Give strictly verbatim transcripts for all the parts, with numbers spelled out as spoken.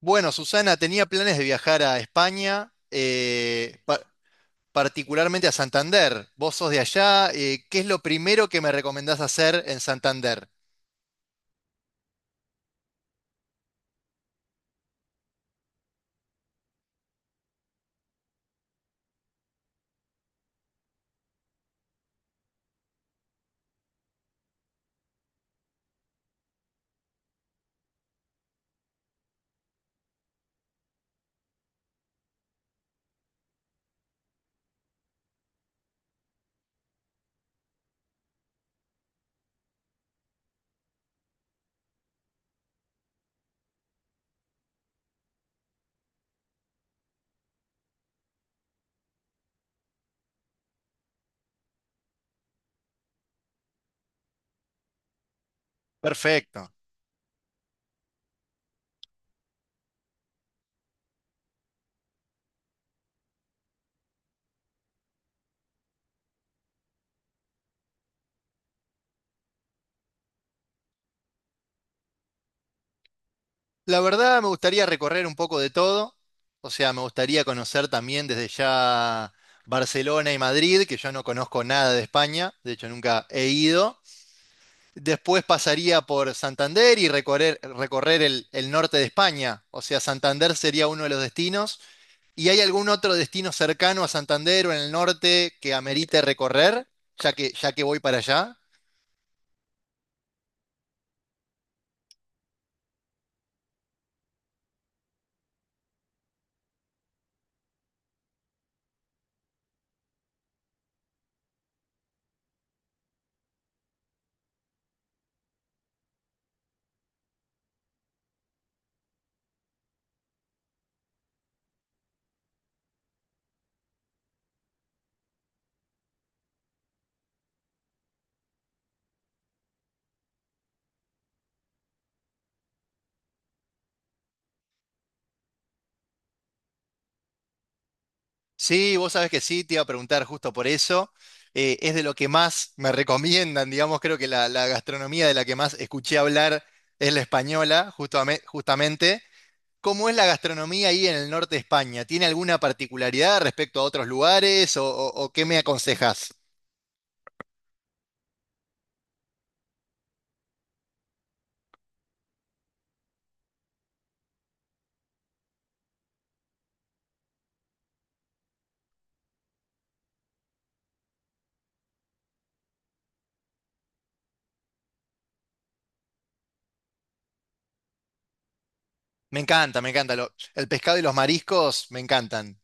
Bueno, Susana, tenía planes de viajar a España, eh, pa- particularmente a Santander. Vos sos de allá, eh, ¿qué es lo primero que me recomendás hacer en Santander? Perfecto. La verdad, me gustaría recorrer un poco de todo. O sea, me gustaría conocer también desde ya Barcelona y Madrid, que yo no conozco nada de España, de hecho nunca he ido. Después pasaría por Santander y recorrer, recorrer el el norte de España. O sea, Santander sería uno de los destinos. ¿Y hay algún otro destino cercano a Santander o en el norte que amerite recorrer, ya que, ya que voy para allá? Sí, vos sabés que sí, te iba a preguntar justo por eso. Eh, es de lo que más me recomiendan, digamos, creo que la, la gastronomía de la que más escuché hablar es la española, justame- justamente. ¿Cómo es la gastronomía ahí en el norte de España? ¿Tiene alguna particularidad respecto a otros lugares o, o- o qué me aconsejas? Me encanta, me encanta. Lo- el pescado y los mariscos me encantan.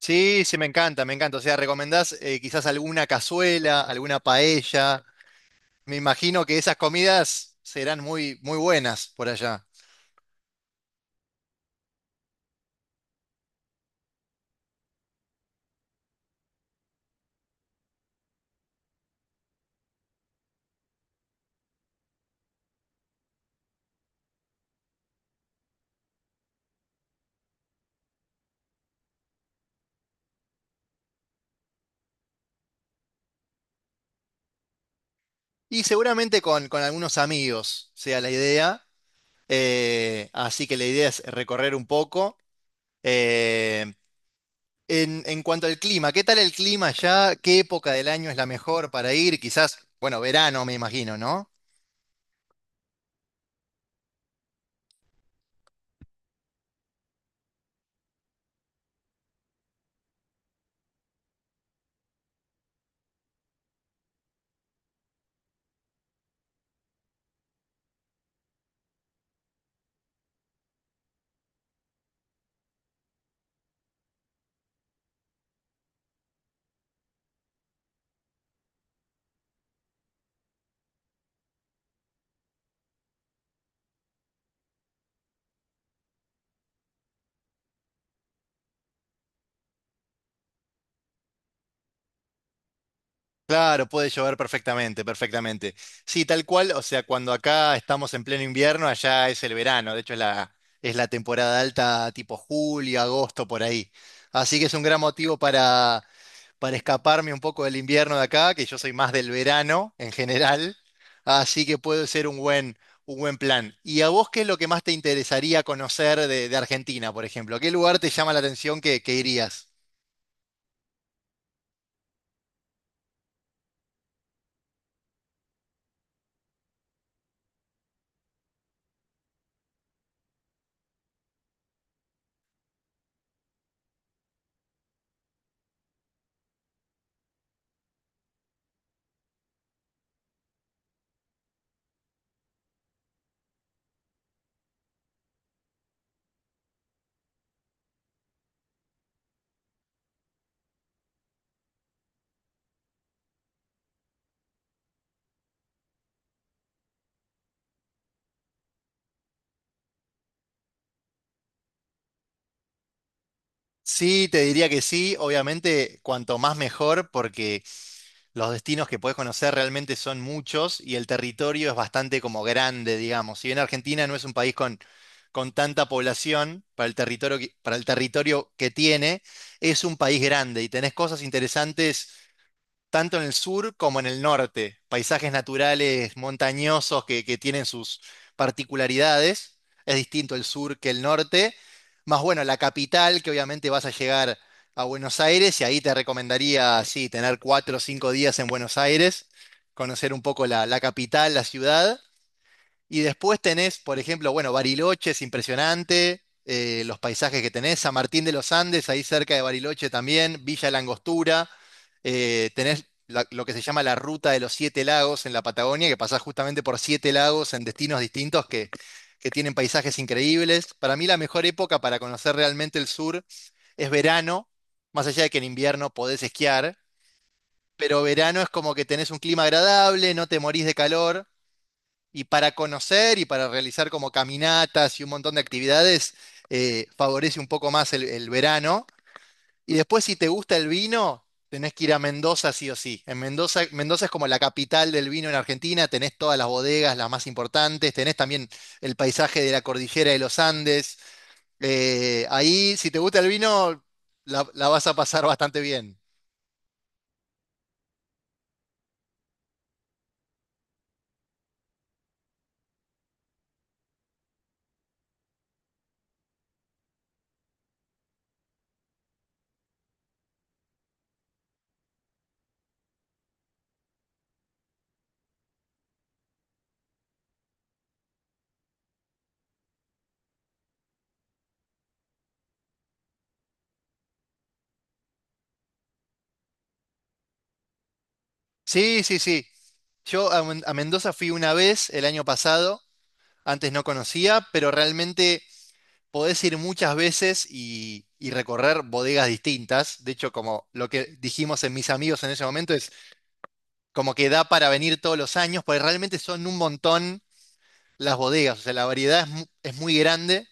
Sí, sí, me encanta, me encanta. O sea, ¿recomendás eh, quizás alguna cazuela, alguna paella? Me imagino que esas comidas serán muy, muy buenas por allá. Y seguramente con, con algunos amigos sea la idea. Eh, así que la idea es recorrer un poco. Eh, en, en cuanto al clima, ¿qué tal el clima allá? ¿Qué época del año es la mejor para ir? Quizás, bueno, verano, me imagino, ¿no? Claro, puede llover perfectamente, perfectamente. Sí, tal cual, o sea, cuando acá estamos en pleno invierno, allá es el verano, de hecho es la, es la temporada alta tipo julio, agosto, por ahí. Así que es un gran motivo para, para escaparme un poco del invierno de acá, que yo soy más del verano en general, así que puede ser un buen, un buen plan. ¿Y a vos qué es lo que más te interesaría conocer de, de Argentina, por ejemplo? ¿Qué lugar te llama la atención que, que irías? Sí, te diría que sí. Obviamente, cuanto más mejor, porque los destinos que puedes conocer realmente son muchos y el territorio es bastante como grande, digamos. Si bien Argentina no es un país con, con tanta población para el territorio que, para el territorio que tiene, es un país grande y tenés cosas interesantes tanto en el sur como en el norte. Paisajes naturales montañosos que, que tienen sus particularidades. Es distinto el sur que el norte. Más bueno, la capital, que obviamente vas a llegar a Buenos Aires y ahí te recomendaría, sí, tener cuatro o cinco días en Buenos Aires, conocer un poco la, la capital, la ciudad. Y después tenés, por ejemplo, bueno, Bariloche es impresionante, eh, los paisajes que tenés, San Martín de los Andes, ahí cerca de Bariloche también, Villa La Angostura, eh, tenés la- lo que se llama la Ruta de los Siete Lagos en la Patagonia, que pasás justamente por siete lagos en destinos distintos que, que tienen paisajes increíbles. Para mí la mejor época para conocer realmente el sur es verano, más allá de que en invierno podés esquiar, pero verano es como que tenés un clima agradable, no te morís de calor. Y para conocer y para realizar como caminatas y un montón de actividades, eh, favorece un poco más el, el verano. Y después, si te gusta el vino, tenés que ir a Mendoza sí o sí. En Mendoza, Mendoza es como la capital del vino en Argentina, tenés todas las bodegas, las más importantes, tenés también el paisaje de la cordillera de los Andes. Eh, ahí, si te gusta el vino, la la vas a pasar bastante bien. Sí, sí, sí. Yo a, Men- a Mendoza fui una vez el año pasado, antes no conocía, pero realmente podés ir muchas veces y, y recorrer bodegas distintas. De hecho, como lo que dijimos en mis amigos en ese momento, es como que da para venir todos los años, porque realmente son un montón las bodegas, o sea, la variedad es, mu- es muy grande,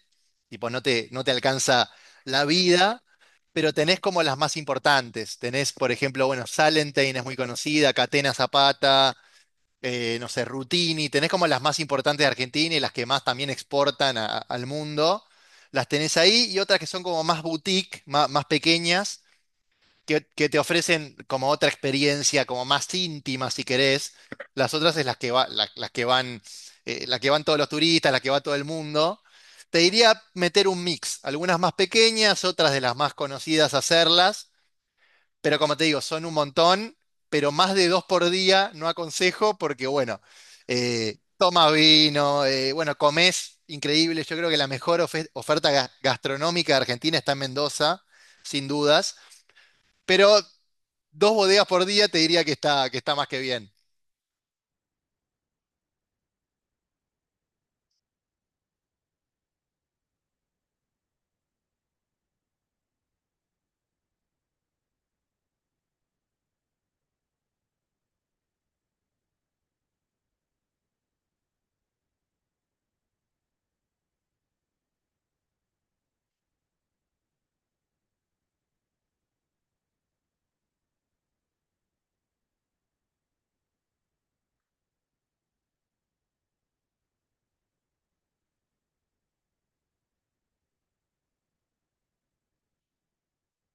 tipo, no te, no te alcanza la vida, pero tenés como las más importantes. Tenés, por ejemplo, bueno, Salentein es muy conocida, Catena Zapata, eh, no sé, Rutini, tenés como las más importantes de Argentina y las que más también exportan a- al mundo. Las tenés ahí y otras que son como más boutique, ma- más pequeñas que, que te ofrecen como otra experiencia, como más íntima, si querés. Las otras es las que va, la- las que van, eh, la que van todos los turistas, la que va todo el mundo. Te diría meter un mix, algunas más pequeñas, otras de las más conocidas hacerlas, pero como te digo, son un montón, pero más de dos por día no aconsejo porque, bueno, eh, tomas vino, eh, bueno, comes increíble. Yo creo que la mejor ofe- oferta ga- gastronómica de Argentina está en Mendoza, sin dudas. Pero dos bodegas por día, te diría que está, que está más que bien.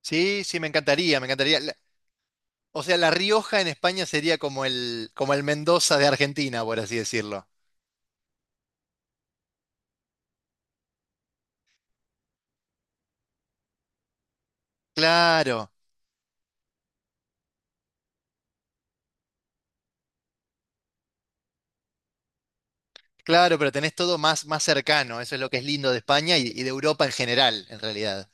Sí, sí, me encantaría, me encantaría. La... O sea, La Rioja en España sería como el, como el Mendoza de Argentina, por así decirlo. Claro, claro, pero tenés todo más, más cercano. Eso es lo que es lindo de España y, y de Europa en general, en realidad.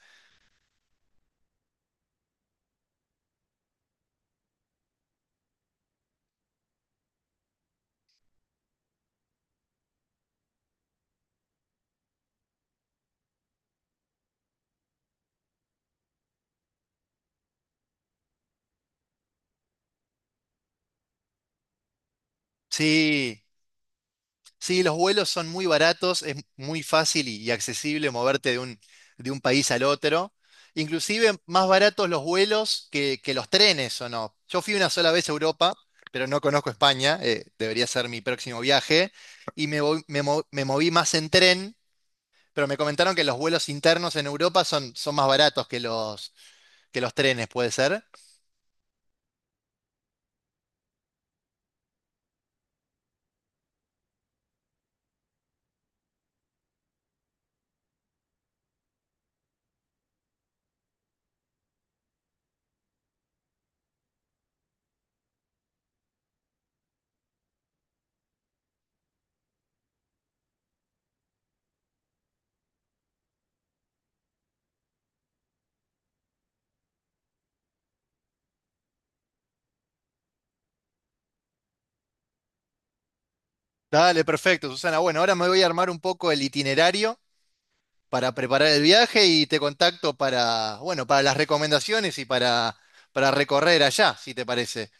Sí. Sí, los vuelos son muy baratos, es muy fácil y, y accesible moverte de un, de un país al otro. Inclusive más baratos los vuelos que, que los trenes, ¿o no? Yo fui una sola vez a Europa, pero no conozco España, eh, debería ser mi próximo viaje, y me, voy- me mo- me moví más en tren, pero me comentaron que los vuelos internos en Europa son, son más baratos que los, que los trenes, ¿puede ser? Dale, perfecto, Susana. Bueno, ahora me voy a armar un poco el itinerario para preparar el viaje y te contacto para, bueno, para las recomendaciones y para, para recorrer allá, si te parece.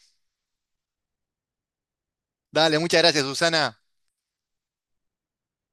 Dale, muchas gracias, Susana.